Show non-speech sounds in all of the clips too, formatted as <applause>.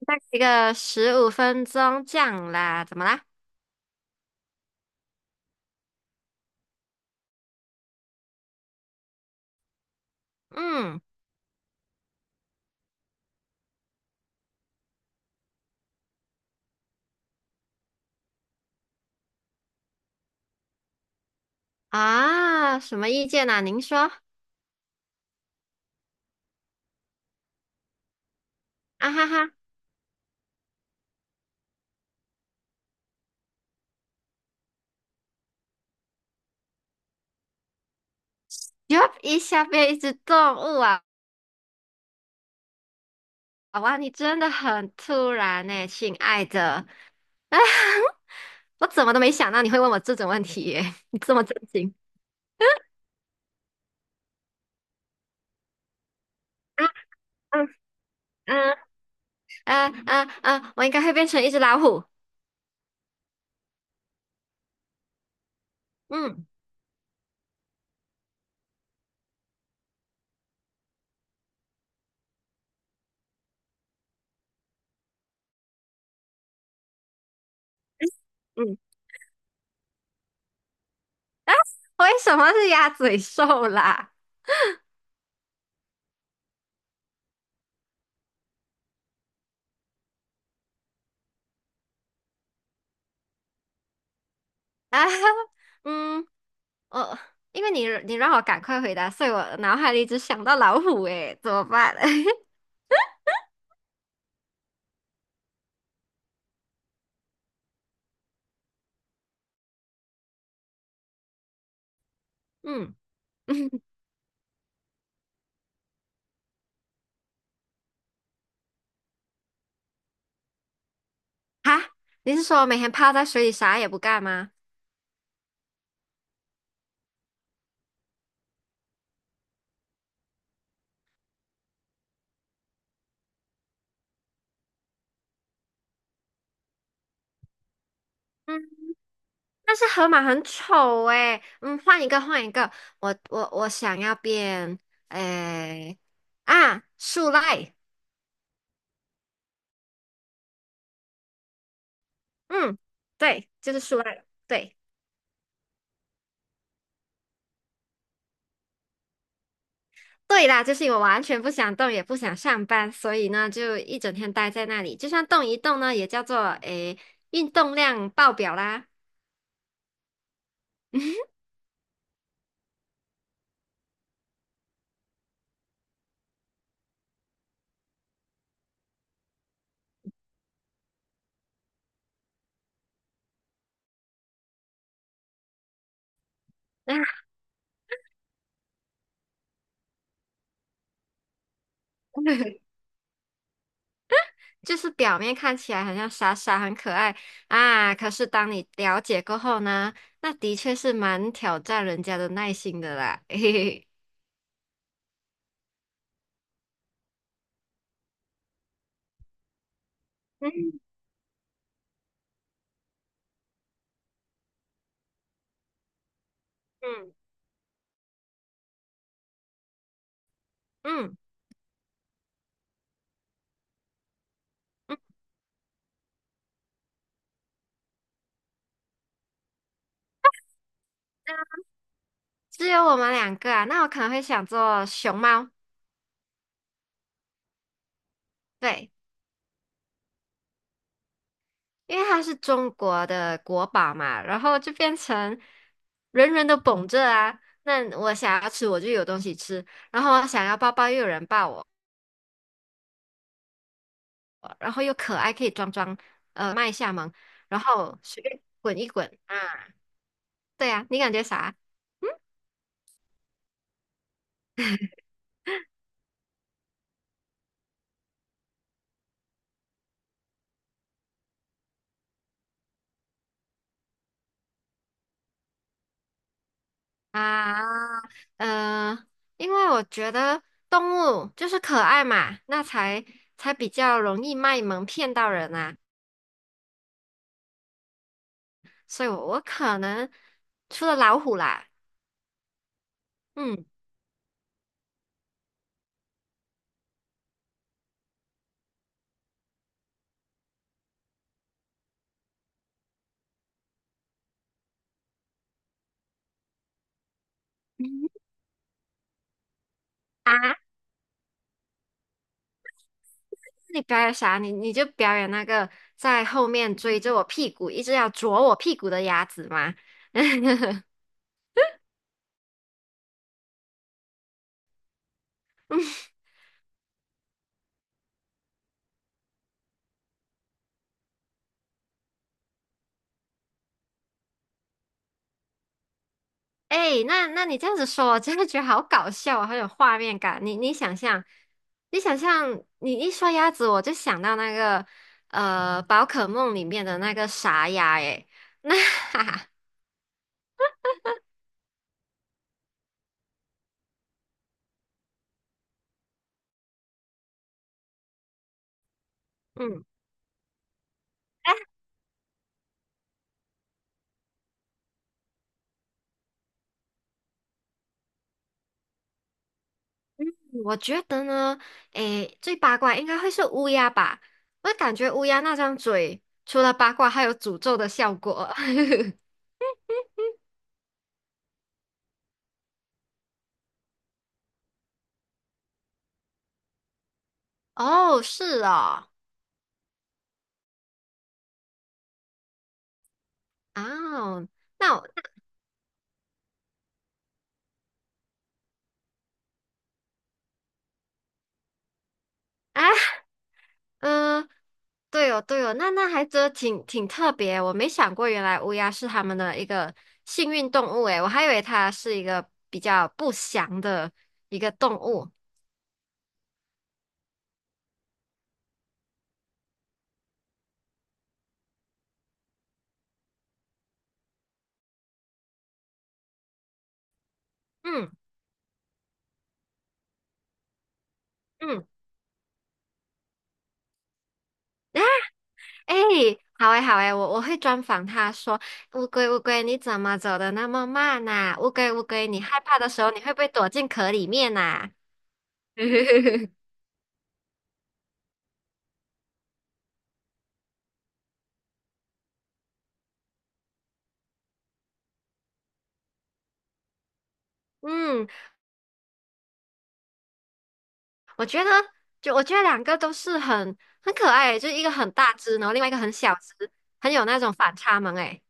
那一个15分钟这样啦，怎么啦？嗯。啊，什么意见啊？您说。啊哈哈，哟，一下变一只动物啊！哇，你真的很突然呢，亲爱的。啊，<laughs> 我怎么都没想到你会问我这种问题耶，<laughs> 你这么震惊。啊嗯嗯我应该会变成一只老虎。嗯嗯。为什么是鸭嘴兽啦？<laughs> 啊，嗯。呃，因为你让我赶快回答，所以我脑海里只想到老虎，诶，怎么办？<laughs> 嗯，嗯，哈，你是说我每天泡在水里啥也不干吗？嗯，但是河马很丑诶，换一个换一个，我想要变，诶，啊，树赖，嗯，对，就是树赖了对。对啦，就是因为我完全不想动，也不想上班，所以呢，就一整天待在那里。就算动一动呢，也叫做诶运动量爆表啦。<laughs> <laughs> 啊，就是表面看起来很像傻傻，很可爱啊，可是当你了解过后呢，那的确是蛮挑战人家的耐心的啦。<laughs> 嘿嘿嘿，嗯嗯嗯嗯，只有我们两个啊，那我可能会想做熊猫，对，因为它是中国的国宝嘛，然后就变成人人都捧着啊。那我想要吃，我就有东西吃；然后我想要抱抱，又有人抱我。然后又可爱，可以装装卖下萌，然后随便滚一滚啊。对呀，你感觉啥啊？呃，因为我觉得动物就是可爱嘛，那才比较容易卖萌骗到人啊。所以我可能除了老虎啦，嗯啊，你表演啥？你就表演那个在后面追着我屁股，一直要啄我屁股的鸭子吗？<laughs> 哎，那你这样子说，我真的觉得好搞笑啊，好有画面感。你想象，你想象，你一说鸭子，我就想到那个宝可梦里面的那个傻鸭。哎，那 <laughs> 哈哈，<laughs> 嗯，我觉得呢，哎，最八卦应该会是乌鸦吧？我感觉乌鸦那张嘴除了八卦，还有诅咒的效果。<laughs> 哦，是哦，哦，那我啊。嗯，对哦，对哦，那还真的挺挺特别，我没想过原来乌鸦是他们的一个幸运动物诶，我还以为它是一个比较不祥的一个动物。嗯嗯，啊，诶，好诶好诶，我会专访他说，乌龟乌龟，你怎么走的那么慢呐，乌龟乌龟，你害怕的时候，你会不会躲进壳里面呐。<laughs> 嗯，我觉得，就我觉得两个都是很可爱欸，就是一个很大只，然后另外一个很小只，很有那种反差萌诶。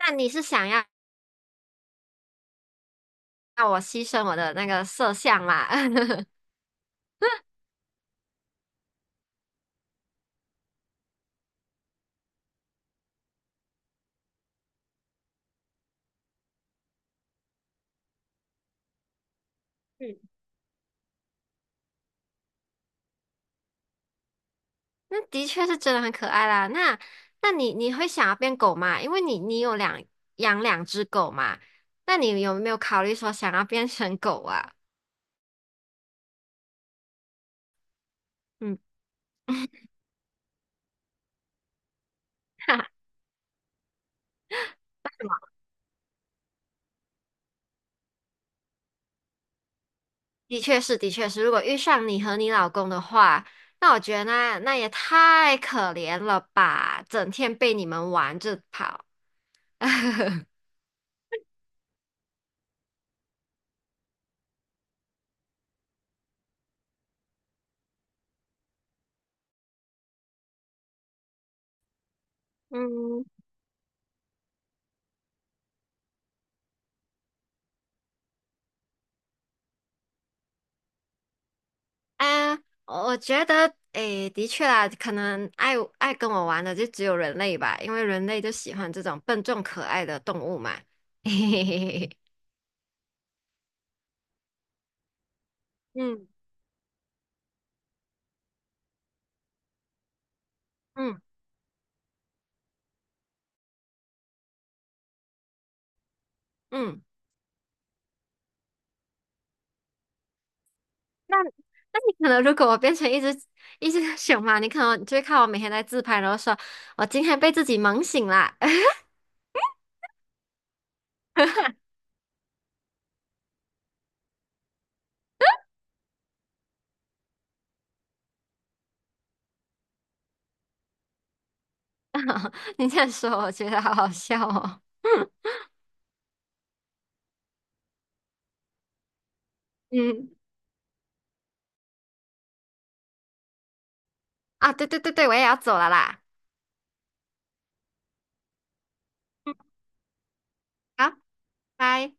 那你是想要让我牺牲我的那个色相嘛？<laughs> 嗯，那的确是真的很可爱啦。那你会想要变狗吗？因为你有养两只狗嘛，那你有没有考虑说想要变成狗啊？嗯，<laughs> 的确是，的确是。如果遇上你和你老公的话，那我觉得那也太可怜了吧，整天被你们玩着跑。嗯，啊，我觉得，诶，的确啦，可能爱跟我玩的就只有人类吧，因为人类就喜欢这种笨重可爱的动物嘛。<laughs> 嘿嘿嘿嘿嘿。嗯嗯嗯，那你可能如果我变成一只熊嘛，你可能就会看我每天在自拍，然后说我今天被自己萌醒啦。<laughs> <laughs> 你这样说，我觉得好好笑哦。<laughs> 嗯，啊，对对对对，我也要走了啦。嗯。好，拜。